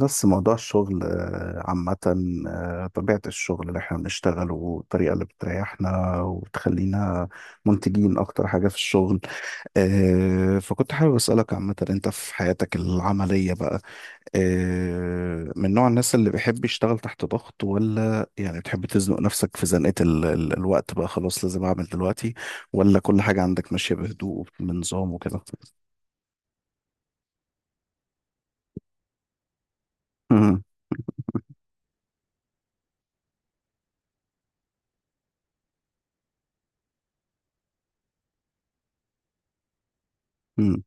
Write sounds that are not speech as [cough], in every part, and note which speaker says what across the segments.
Speaker 1: بس موضوع الشغل عامة. طبيعة الشغل اللي احنا بنشتغله والطريقة اللي بتريحنا وتخلينا منتجين أكتر حاجة في الشغل. فكنت حابب أسألك عامة، أنت في حياتك العملية بقى من نوع الناس اللي بيحب يشتغل تحت ضغط، ولا يعني بتحب تزنق نفسك في زنقة ال الوقت بقى خلاص لازم أعمل دلوقتي، ولا كل حاجة عندك ماشية بهدوء وبنظام وكده؟ مم. مم.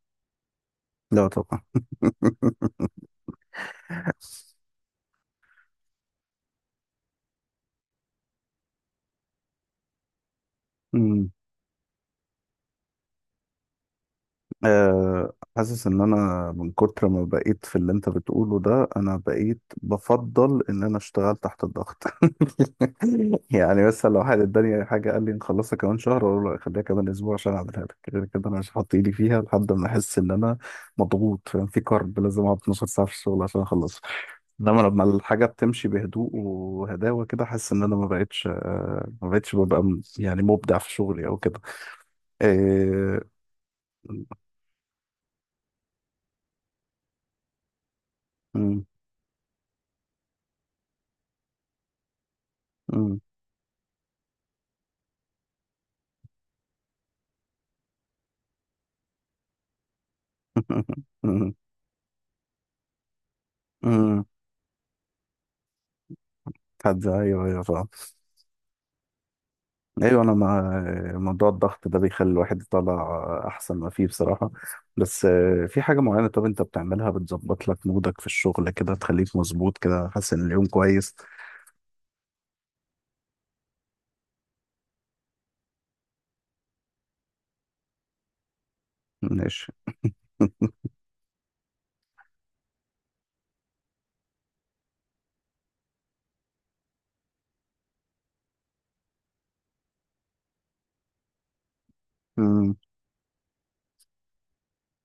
Speaker 1: لا طبعا. [laughs] مم. حاسس ان انا من كتر ما بقيت في اللي انت بتقوله ده انا بقيت بفضل ان انا اشتغل تحت الضغط. [laughs] يعني مثلا لو حد اداني حاجه قال لي نخلصها كمان شهر اقول له لا، خليها كمان اسبوع عشان اعملها لك. غير كده انا مش هحط ايدي فيها لحد ما احس ان انا مضغوط، فاهم؟ في كارب لازم اقعد 12 ساعه في الشغل عشان اخلصها. انما لما الحاجه بتمشي بهدوء وهداوه كده حاسس ان انا ما بقتش ما بقتش ببقى يعني مبدع في شغلي او كده. آه، م- م- [laughs] امم. حد ايوه، ايوه، فاهم. ايوه انا مع موضوع الضغط ده، بيخلي الواحد يطلع احسن ما فيه بصراحه. بس في حاجه معينه، طب انت بتعملها بتظبط لك مودك في الشغل كده، تخليك مظبوط كده حاسس ان اليوم كويس؟ ماشي. امم.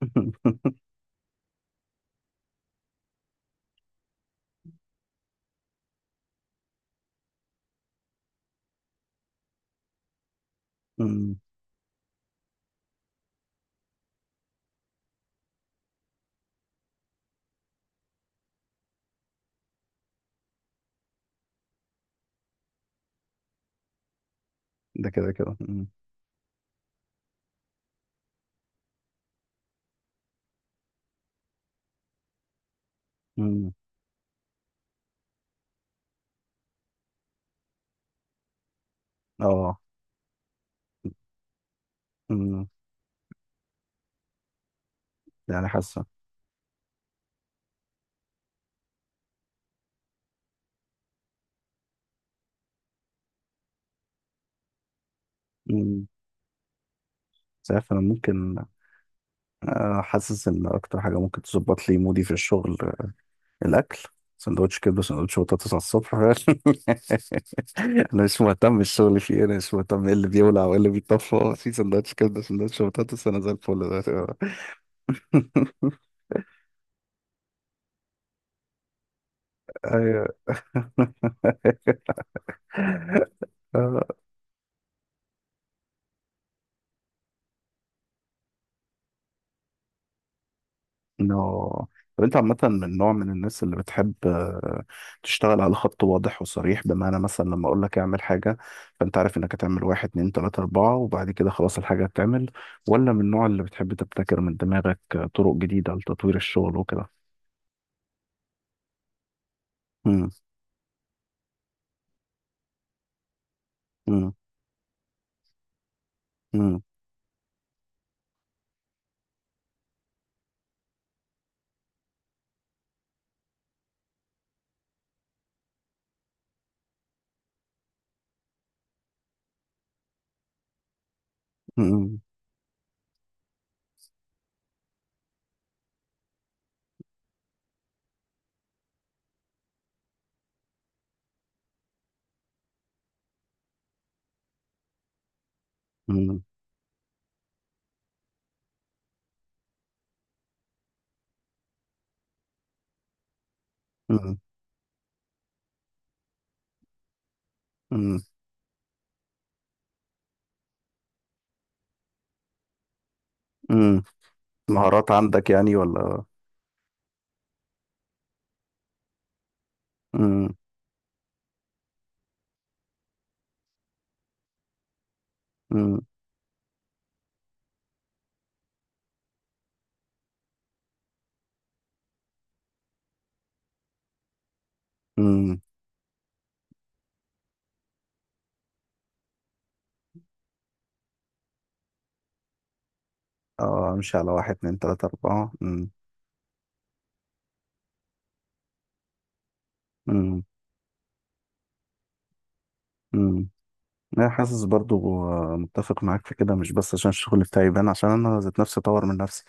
Speaker 1: [laughs] أمم. ده كده كده أمم. أمم. اه. أمم. يعني حاسه. أمم. مش عارف انا ممكن حاسس ان اكتر حاجه ممكن تظبط لي مودي في الشغل الاكل، سندوتش كبده سندوتش بطاطس على الصبح. [laughs] انا مش مهتم بالشغل فيه، انا مش مهتم ايه اللي بيولع وايه اللي بيطفى، هو في سندوتش كبده سندوتش بطاطس انا زي الفل دلوقتي. [laughs] ايوه. [laughs] انه طب انت عامة من نوع من الناس اللي بتحب تشتغل على خط واضح وصريح، بمعنى مثلا لما اقول لك اعمل حاجة فانت عارف انك هتعمل واحد اتنين تلاتة اربعة وبعد كده خلاص الحاجة هتتعمل، ولا من النوع اللي بتحب تبتكر من دماغك طرق جديدة لتطوير الشغل وكده؟ مم. مم. مم. مم. مم. مم. مم. مم. مهارات عندك يعني ولا؟ مم. مم. مم. اه، امشي على واحد اتنين تلاتة اربعة. مم. مم. مم. انا حاسس برضو متفق معاك في كده، مش بس عشان الشغل بتاعي يبان، عشان انا ذات نفسي اطور من نفسي.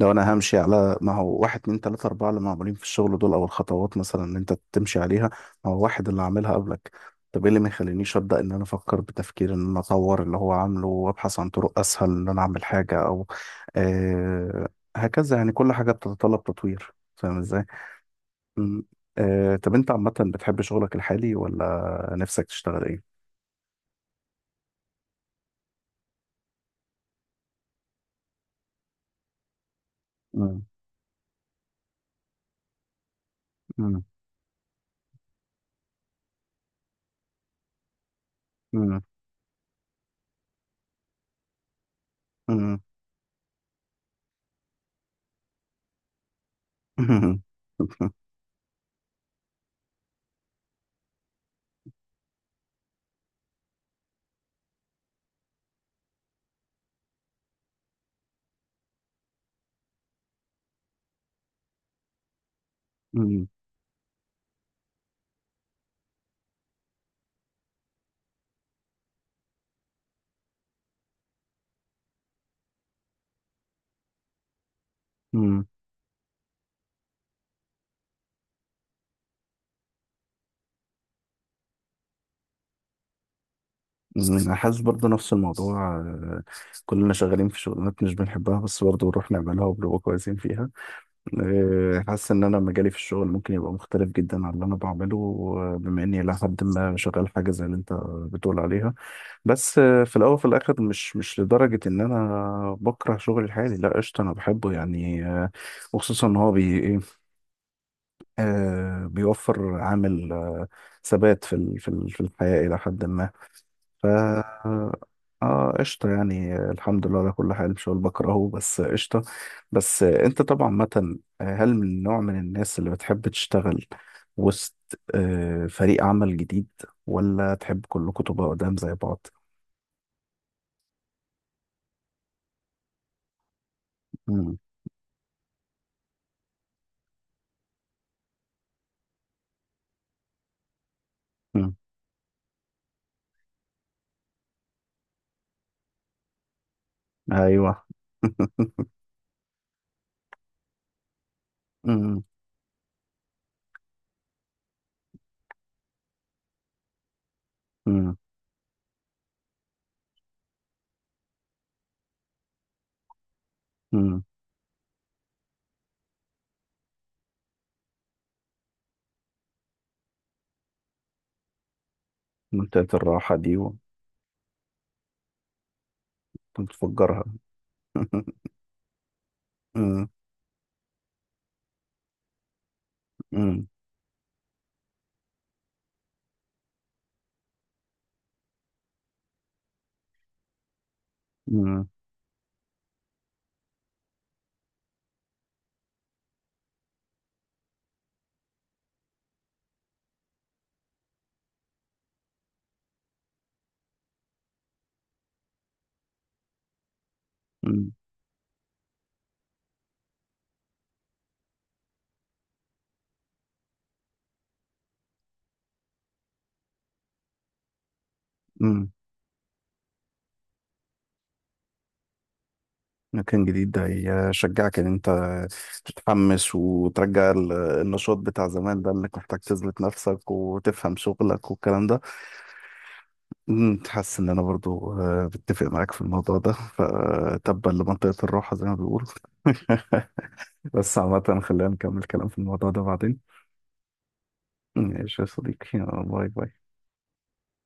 Speaker 1: لو انا همشي على ما هو واحد اتنين تلاته اربعه اللي معمولين في الشغل دول، او الخطوات مثلا اللي انت تمشي عليها، ما هو واحد اللي عاملها قبلك. طب ايه اللي ما يخلينيش ابدا ان انا افكر بتفكير ان انا اطور اللي هو عامله وابحث عن طرق اسهل ان انا اعمل حاجه او آه هكذا، يعني كل حاجه بتتطلب تطوير، فاهم ازاي؟ م. طب انت عامه بتحب شغلك الحالي ولا نفسك تشتغل ايه؟ مم. مم. مم. مم. [laughs] مم. مم. أنا حاسس برضه نفس الموضوع. كلنا شغالين في شغلانات مش بنحبها بس برضه بنروح نعملها وبنبقى كويسين فيها. حاسس إن أنا مجالي في الشغل ممكن يبقى مختلف جدا عن اللي أنا بعمله. بما إني إلى حد ما شغال حاجة زي اللي أنت بتقول عليها، بس في الأول وفي الآخر مش لدرجة إن أنا بكره شغلي الحالي، لا قشطة أنا بحبه يعني. وخصوصا إن هو بي إيه، بيوفر عامل ثبات في الحياة إلى حد ما. ف اه قشطة يعني. الحمد لله على كل حال، مش هقول بكرهه بس قشطة. بس انت طبعا مثلا هل من نوع من الناس اللي بتحب تشتغل وسط فريق عمل جديد، ولا تحب كلكم تبقوا قدام زي بعض؟ مم. مم. ايوه. [laughs] مم. مم. مم. منطقة الراحة دي وتفجرها. [laughs] مم. مم. مم. مم. مم. مكان جديد ده يشجعك ان انت تتحمس وترجع النشاط بتاع زمان، ده انك محتاج تثبت نفسك وتفهم شغلك والكلام ده. مم. حاسس ان انا برضو بتفق معاك في الموضوع ده، فتبا لمنطقة الراحة زي ما بيقولوا. [laughs] بس عامة خلينا نكمل كلام في الموضوع ده بعدين. ماشي يا صديقي، يلا، باي باي.